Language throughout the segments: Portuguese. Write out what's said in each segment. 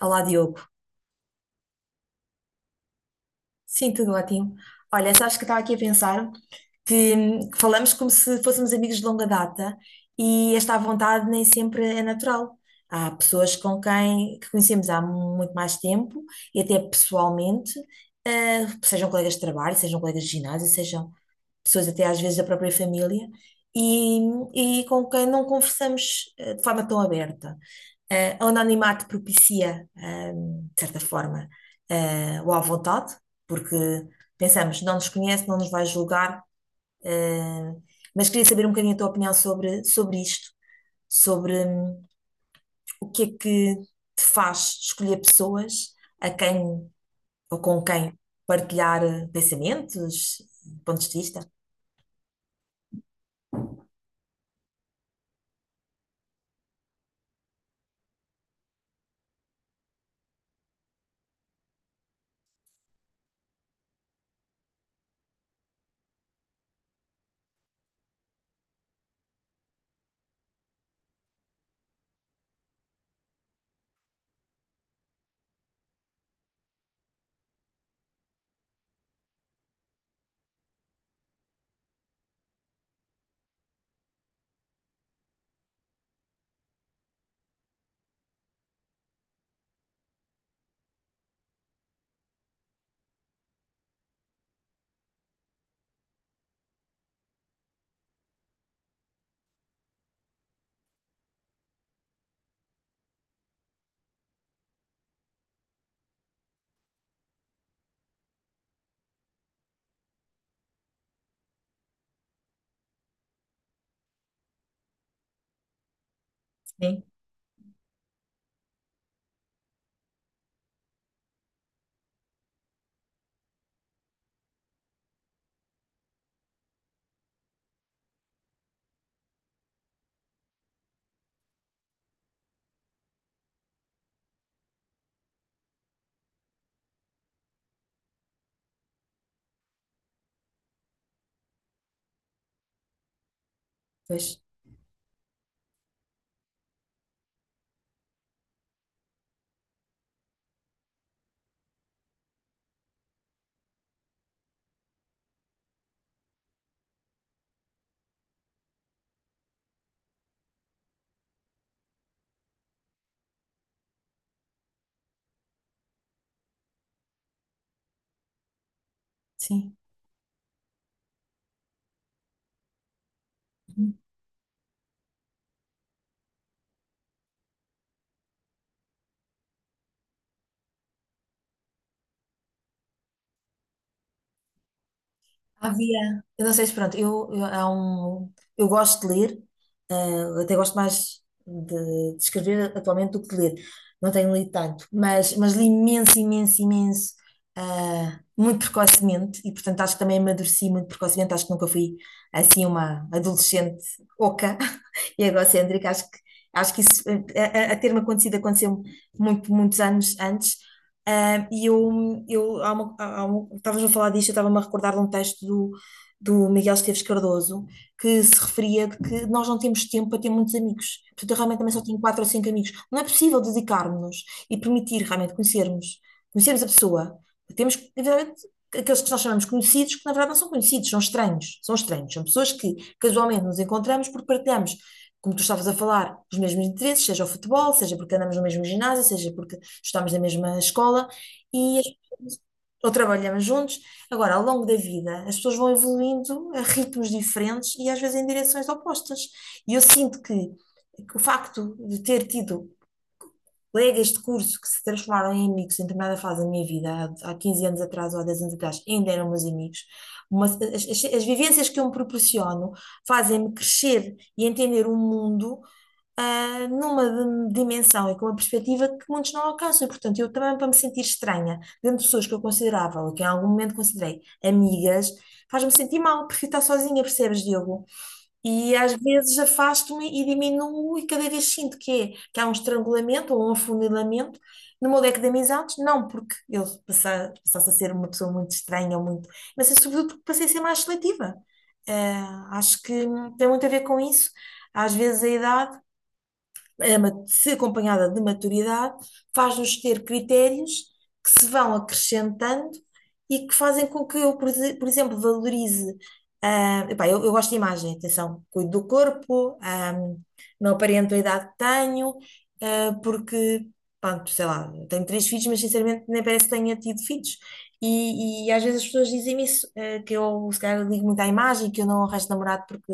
Olá, Diogo. Sim, tudo ótimo. Olha, sabes que estava aqui a pensar que falamos como se fôssemos amigos de longa data e esta vontade nem sempre é natural. Há pessoas com quem que conhecemos há muito mais tempo e até pessoalmente, sejam colegas de trabalho, sejam colegas de ginásio, sejam. Pessoas até às vezes da própria família, e, e com quem não conversamos de forma tão aberta. O anonimato propicia, de certa forma, o à vontade, porque pensamos, não nos conhece, não nos vai julgar, eh, mas queria saber um bocadinho a tua opinião sobre isto, sobre o que é que te faz escolher pessoas a quem ou com quem partilhar pensamentos, pontos de vista. Sim, pois, sim. Havia, eu não sei se pronto, há um, eu gosto de ler, até gosto mais de escrever atualmente do que de ler, não tenho lido tanto, mas li imenso, imenso, imenso, muito precocemente, e portanto acho que também amadureci muito precocemente, acho que nunca fui assim uma adolescente oca e egocêntrica, acho que isso, a ter-me acontecido, aconteceu muito, muitos anos antes. E eu há estavas a falar disto, eu estava-me a recordar de um texto do Miguel Esteves Cardoso que se referia de que nós não temos tempo para ter muitos amigos. Portanto, eu realmente também só tenho quatro ou cinco amigos. Não é possível dedicarmos-nos e permitir realmente conhecermos, conhecermos a pessoa. Temos, evidentemente, aqueles que nós chamamos conhecidos, que na verdade não são conhecidos, são estranhos. São estranhos, são pessoas que casualmente nos encontramos porque partilhamos. Como tu estavas a falar, os mesmos interesses, seja o futebol, seja porque andamos no mesmo ginásio, seja porque estudámos na mesma escola e as pessoas- ou trabalhamos juntos. Agora, ao longo da vida, as pessoas vão evoluindo a ritmos diferentes e às vezes em direções opostas. E eu sinto que o facto de ter tido colegas de curso que se transformaram em amigos em determinada fase da minha vida, há 15 anos atrás ou há 10 anos atrás, ainda eram meus amigos. Uma- as vivências que eu me proporciono fazem-me crescer e entender o mundo numa dimensão e com uma perspectiva que muitos não alcançam. E, portanto, eu também, para me sentir estranha, dentro de pessoas que eu considerava, ou que em algum momento considerei amigas, faz-me sentir mal, prefiro estar sozinha, percebes, Diogo? E às vezes afasto-me e diminuo, e cada vez sinto que há um estrangulamento ou um afunilamento no meu leque de amizades, não porque eu passasse a ser uma pessoa muito estranha, ou muito, mas é sobretudo porque passei a ser mais seletiva. Acho que tem muito a ver com isso. Às vezes a idade se acompanhada de maturidade, faz-nos ter critérios que se vão acrescentando e que fazem com que eu, por exemplo, valorize. Eu gosto de imagem, atenção, cuido do corpo, não aparento a idade que tenho, porque, pronto, sei lá, tenho três filhos, mas sinceramente nem parece que tenha tido filhos. E às vezes as pessoas dizem-me isso, que eu se calhar ligo muito à imagem, que eu não arranjo namorado porque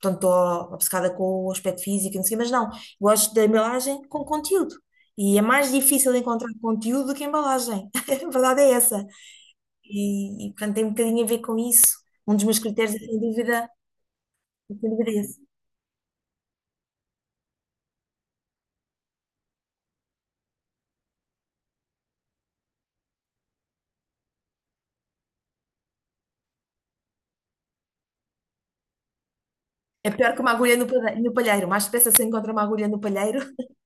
portanto, estou obcecada com o aspecto físico, e não sei, mas não. Gosto da embalagem com conteúdo. E é mais difícil encontrar conteúdo do que embalagem. A verdade é essa. E portanto, tem um bocadinho a ver com isso. Um dos meus critérios é, sem dúvida, é esse. É pior que uma agulha no palheiro. Mais depressa se encontra uma agulha no palheiro.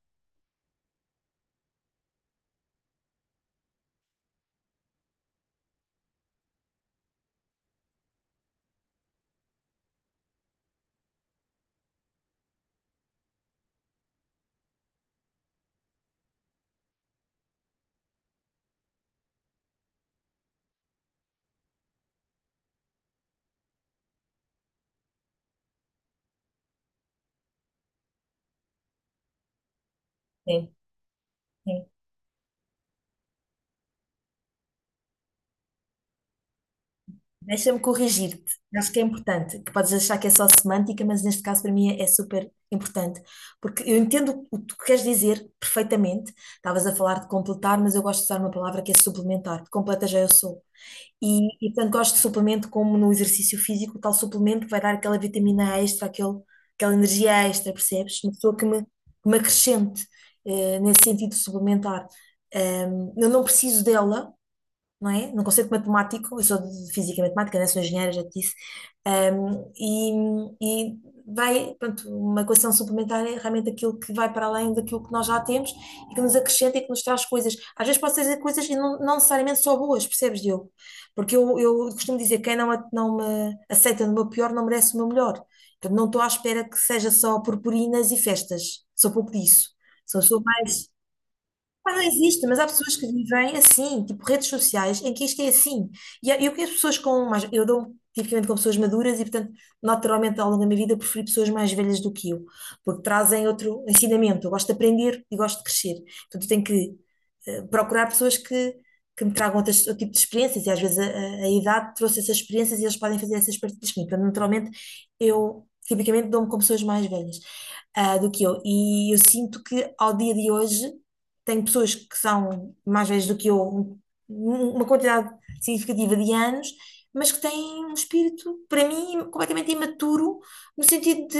Sim, sim. Deixa-me corrigir-te. Acho que é importante, que podes achar que é só semântica, mas neste caso para mim é super importante. Porque eu entendo o que tu queres dizer perfeitamente. Estavas a falar de completar, mas eu gosto de usar uma palavra que é suplementar. Completa já eu sou. E tanto gosto de suplemento como no exercício físico, tal suplemento que vai dar aquela vitamina extra, aquele, aquela energia extra, percebes? Uma pessoa que me acrescente nesse sentido suplementar. Eu não preciso dela, não é? Não conceito matemático, eu sou de física e matemática, né? Sou engenheira, já te disse. Um, e vai, pronto, uma equação suplementar é realmente aquilo que vai para além daquilo que nós já temos e que nos acrescenta e que nos traz coisas. Às vezes pode ser coisas e não, não necessariamente só boas, percebes, Diogo? Porque eu costumo dizer que quem não me aceita no meu pior não merece o meu melhor. Portanto, não estou à espera que seja só purpurinas e festas. Sou pouco disso. Sou mais. Não existe, mas há pessoas que vivem assim, tipo redes sociais, em que isto é assim. E há- eu conheço pessoas com mais. Eu dou tipicamente com pessoas maduras e, portanto, naturalmente, ao longo da minha vida, eu preferi pessoas mais velhas do que eu, porque trazem outro ensinamento. Eu gosto de aprender e gosto de crescer. Portanto, eu tenho que procurar pessoas que me tragam outras- outro tipo de experiências. E às vezes a idade trouxe essas experiências e eles podem fazer essas partilhas comigo. Portanto, naturalmente, eu tipicamente dou-me com pessoas mais velhas do que eu. E eu sinto que ao dia de hoje tenho pessoas que são mais velhas do que eu, uma quantidade significativa de anos, mas que têm um espírito, para mim, completamente imaturo, no sentido de,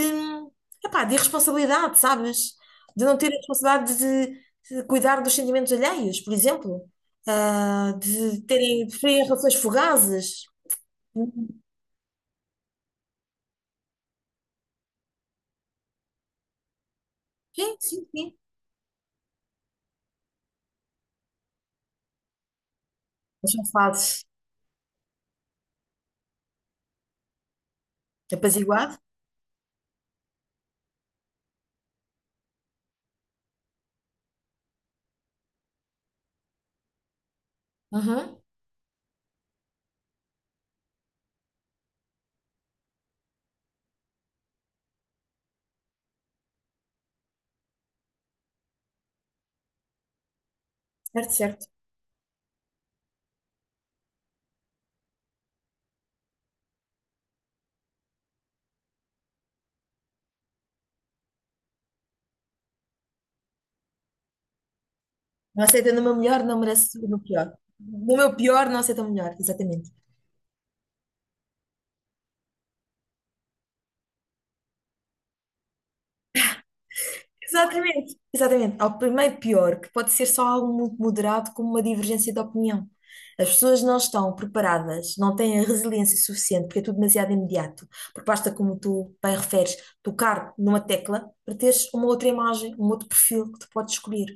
epá, de irresponsabilidade, sabes? De não ter a responsabilidade de cuidar dos sentimentos alheios, por exemplo. De preferirem relações fugazes. Sim, sim, sim. Mas são fases apaziguado. Uhum. Certo, certo. Não aceita no meu melhor, não merece no pior. No meu pior, não aceita o melhor, exatamente. Exatamente, exatamente. Ao primeiro pior, que pode ser só algo muito moderado, como uma divergência de opinião. As pessoas não estão preparadas, não têm a resiliência suficiente, porque é tudo demasiado imediato. Porque basta, como tu bem referes, tocar numa tecla para teres uma outra imagem, um outro perfil que tu podes escolher.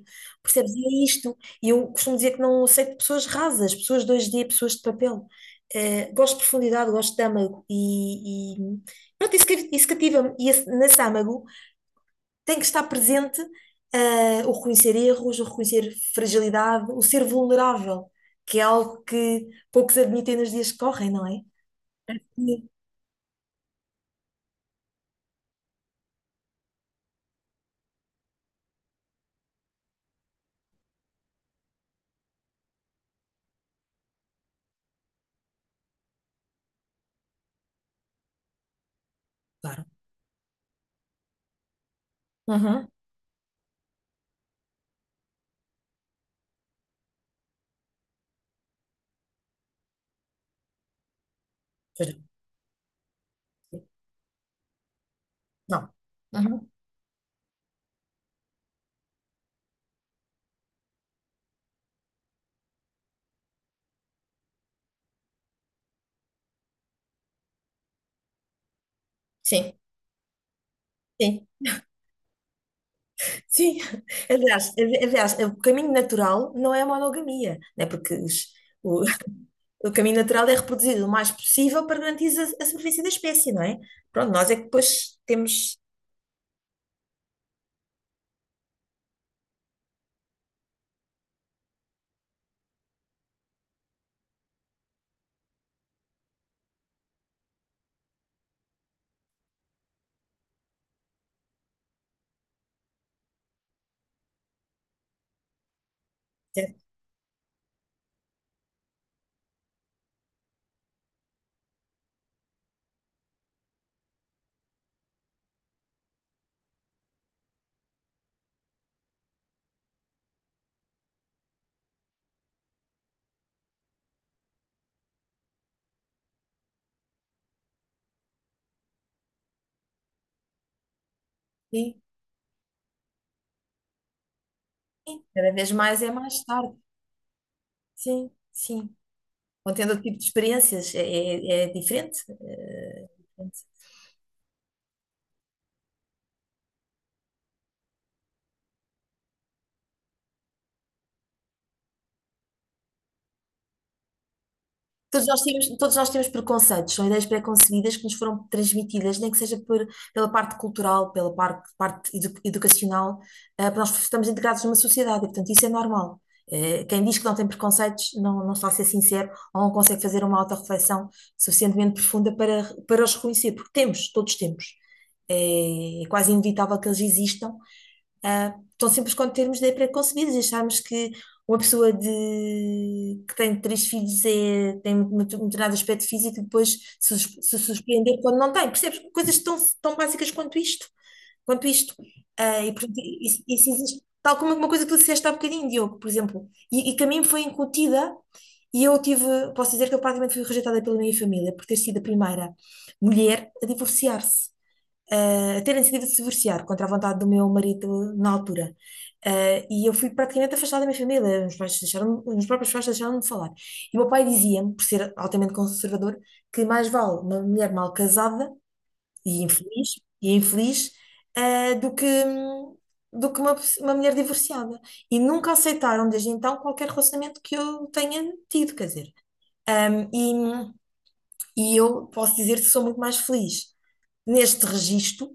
Percebes? E é isto. E eu costumo dizer que não aceito pessoas rasas, pessoas dois d pessoas de papel. Gosto de profundidade, gosto de âmago. E pronto, isso cativa-me. Nesse âmago tem que estar presente, o reconhecer erros, o reconhecer fragilidade, o ser vulnerável, que é algo que poucos admitem nos dias que correm, não é? Sim. Claro. Uhum. Pois. Não. Não. Uhum. Sim, sim. Sim, aliás, o caminho natural não é a monogamia, né? Porque o, o caminho natural é reproduzido o mais possível para garantir a sobrevivência da espécie, não é? Pronto, nós é que depois temos, sim, cada vez mais é mais tarde, sim, sim. Vão tendo outro tipo de experiências, é diferente. Diferente. Todos nós temos preconceitos, são ideias pré-concebidas que nos foram transmitidas, nem que seja pela parte cultural, pela parte educacional, porque nós estamos integrados numa sociedade, e, portanto isso é normal. Quem diz que não tem preconceitos não está a ser sincero ou não consegue fazer uma autorreflexão suficientemente profunda para os reconhecer, porque temos, todos temos. É quase inevitável que eles existam, tão simples quanto termos de pré-concebidos, e acharmos que uma pessoa que tem três filhos é, tem um determinado aspecto físico e depois se surpreender quando não tem. Percebes? Coisas tão, tão básicas quanto isto. Quanto isto. E, portanto, isso existe. Tal como uma coisa que tu disseste há bocadinho, Diogo, por exemplo, e que a mim foi incutida, e eu tive, posso dizer que eu praticamente fui rejeitada pela minha família por ter sido a primeira mulher a divorciar-se a terem decidido se divorciar contra a vontade do meu marido na altura. E eu fui praticamente afastada da minha família, os meus próprios pais deixaram de falar. E o meu pai dizia-me, por ser altamente conservador, que mais vale uma mulher mal casada e infeliz, e infeliz, do do que uma, uma mulher divorciada. E nunca aceitaram desde então qualquer relacionamento que eu tenha tido, quer dizer. Ah, e, e eu posso dizer que sou muito mais feliz neste registro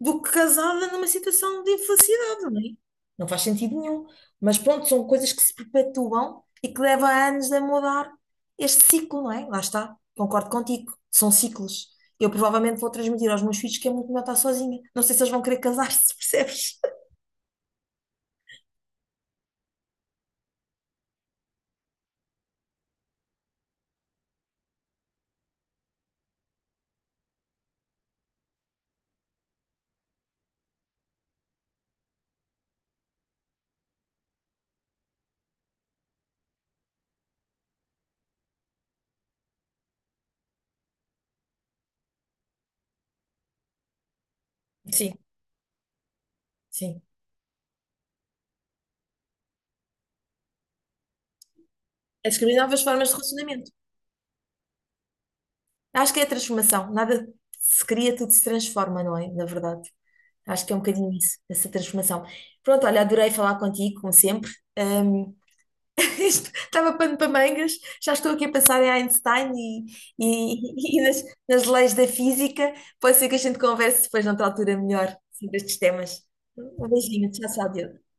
do que casada numa situação de infelicidade, não é? Não faz sentido nenhum. Mas pronto, são coisas que se perpetuam e que levam anos a mudar este ciclo, não é? Lá está, concordo contigo, são ciclos. Eu provavelmente vou transmitir aos meus filhos que é muito melhor estar sozinha. Não sei se eles vão querer casar-se, percebes? Sim, sim. É descobrir novas formas de relacionamento. Acho que é a transformação. Nada se cria, tudo se transforma, não é? Na verdade. Acho que é um bocadinho isso, essa transformação. Pronto, olha, adorei falar contigo, como sempre. Ahm, isto estava pano para mangas, já estou aqui a pensar em Einstein e e nas leis da física. Pode ser que a gente converse depois, noutra altura, melhor sobre estes temas. Um beijinho, tchau, tchau, Diogo.